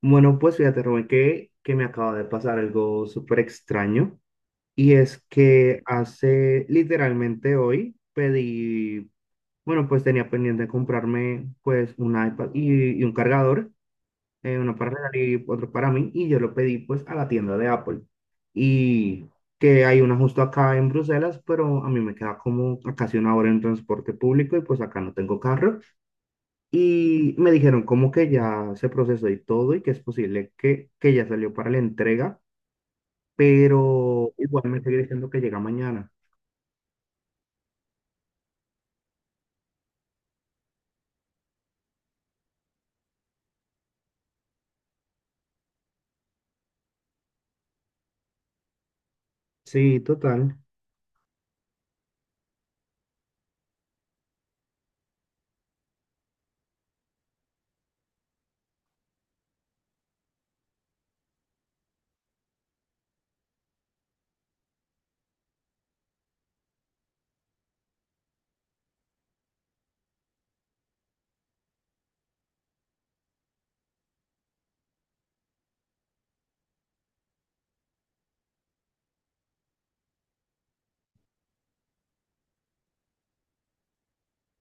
Bueno, pues fíjate, Rubén, que me acaba de pasar algo súper extraño. Y es que hace literalmente hoy pedí, tenía pendiente comprarme pues un iPad y un cargador, uno para regalar y otro para mí. Y yo lo pedí pues a la tienda de Apple. Y que hay una justo acá en Bruselas, pero a mí me queda como a casi una hora en transporte público y pues acá no tengo carro. Y me dijeron como que ya se procesó y todo y que es posible que ya salió para la entrega, pero igual me sigue diciendo que llega mañana. Sí, total.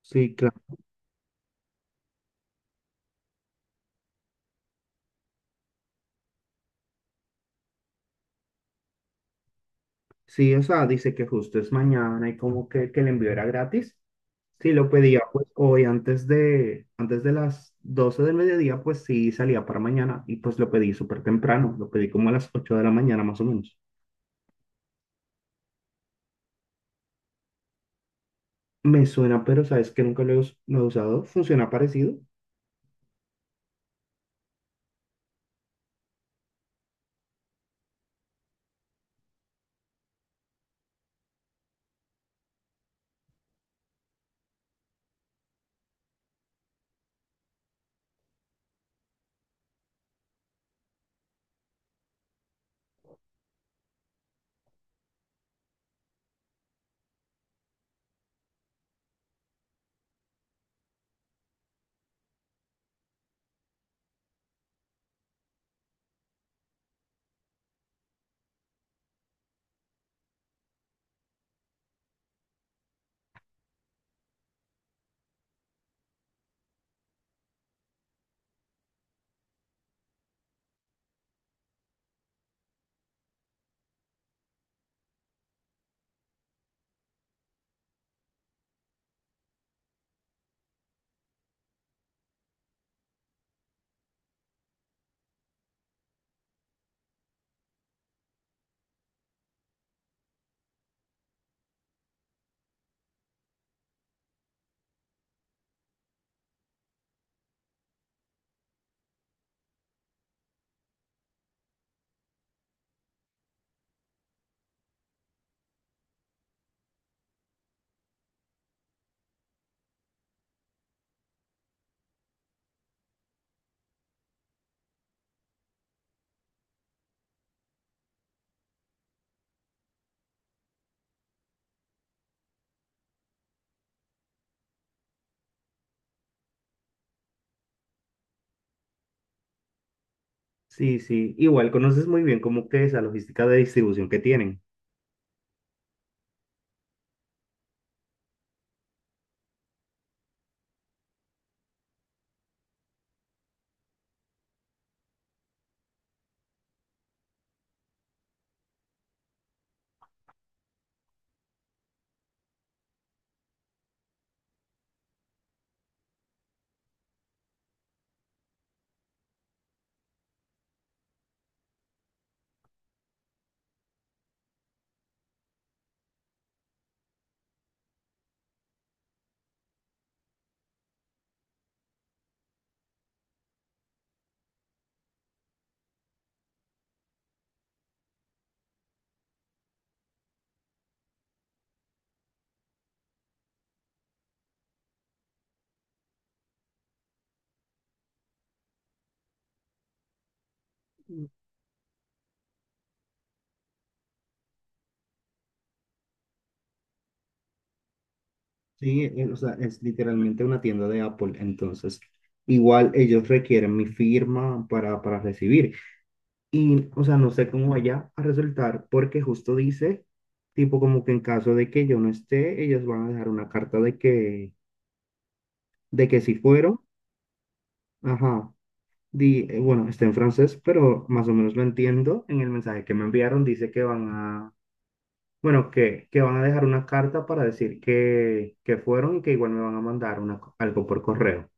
Sí, claro. Sí, o sea, dice que justo es mañana y como que el envío era gratis. Si lo pedía pues hoy antes de las 12 del mediodía, pues sí salía para mañana y pues lo pedí súper temprano, lo pedí como a las 8 de la mañana más o menos. Me suena, pero sabes que nunca lo he, us- lo he usado. ¿Funciona parecido? Sí, sí, igual conoces muy bien cómo que esa logística de distribución que tienen. Sí, o sea, es literalmente una tienda de Apple, entonces igual ellos requieren mi firma para recibir. Y, o sea, no sé cómo vaya a resultar porque justo dice, tipo como que en caso de que yo no esté, ellos van a dejar una carta de que si fueron, ajá, bueno, está en francés, pero más o menos lo entiendo. En el mensaje que me enviaron dice que van a Bueno, que van a dejar una carta para decir que fueron y que igual me van a mandar una algo por correo.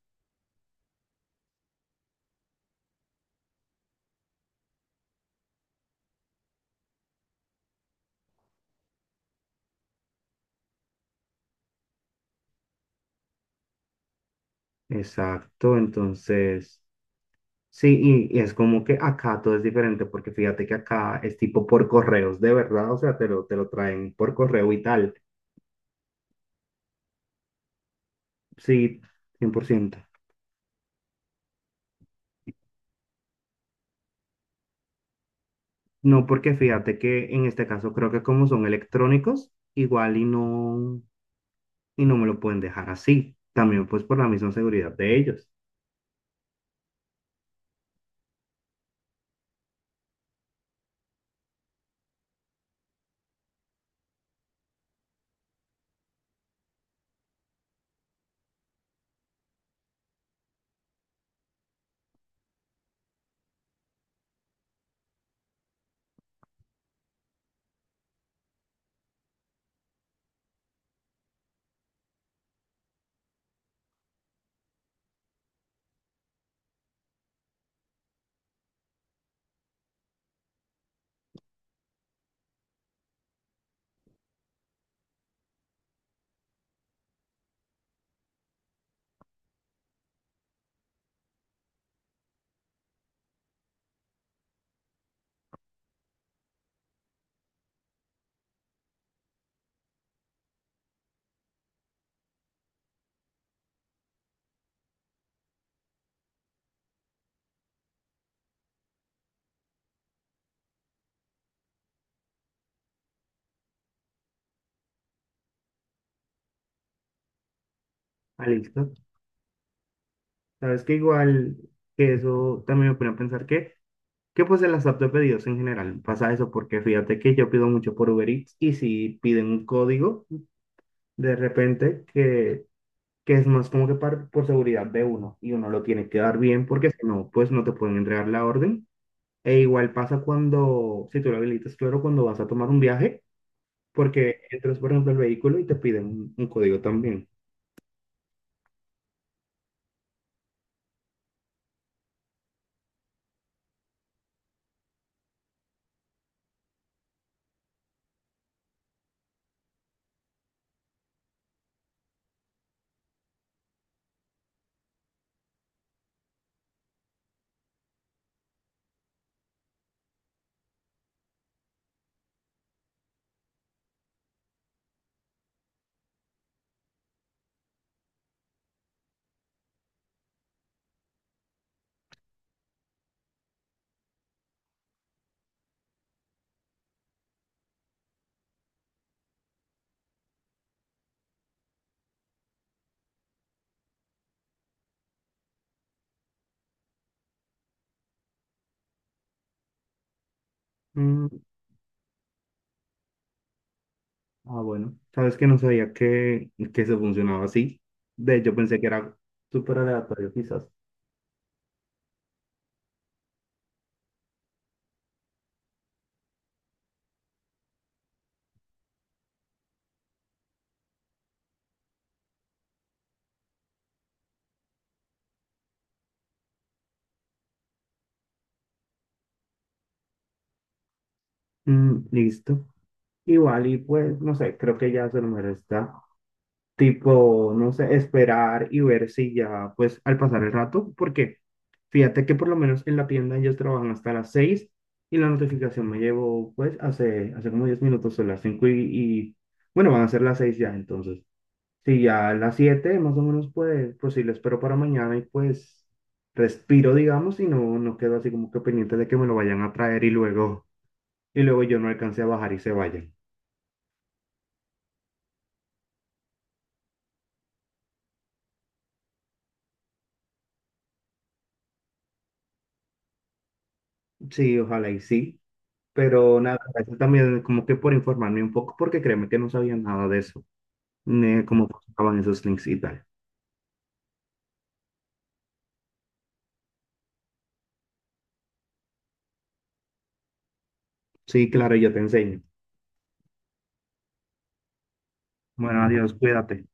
Exacto, entonces, sí, y es como que acá todo es diferente porque fíjate que acá es tipo por correos, de verdad, o sea, te lo traen por correo y tal. Sí, 100%. No, porque fíjate que en este caso creo que como son electrónicos, igual y no me lo pueden dejar así. También pues por la misma seguridad de ellos. Ah, listo. Sabes que igual que eso también me pone a pensar que pues en las apps de pedidos en general pasa eso, porque fíjate que yo pido mucho por Uber Eats y si piden un código, de repente que es más como que por seguridad de uno y uno lo tiene que dar bien porque si no, pues no te pueden entregar la orden. E igual pasa cuando, si tú lo habilitas, claro, cuando vas a tomar un viaje, porque entras, por ejemplo, al vehículo y te piden un código también. Mm, Ah, bueno. Sabes que no sabía que se funcionaba así. De hecho, pensé que era súper aleatorio, quizás. Mm, listo. Igual, y pues, no sé, creo que ya se me está tipo, no sé, esperar y ver si ya, pues, al pasar el rato, porque fíjate que por lo menos en la tienda ellos trabajan hasta las 6 y la notificación me llegó, pues, hace como 10 minutos, son las 5 bueno, van a ser las 6 ya, entonces. Sí, ya a las 7 más o menos puede pues sí, lo espero para mañana y pues respiro, digamos, no quedo así como que pendiente de que me lo vayan a traer y luego yo no alcance a bajar y se vayan. Sí, ojalá y sí, pero nada, gracias también como que por informarme un poco porque créeme que no sabía nada de eso, ni de cómo funcionaban esos links y tal. Sí, claro, yo te enseño. Bueno, adiós, cuídate.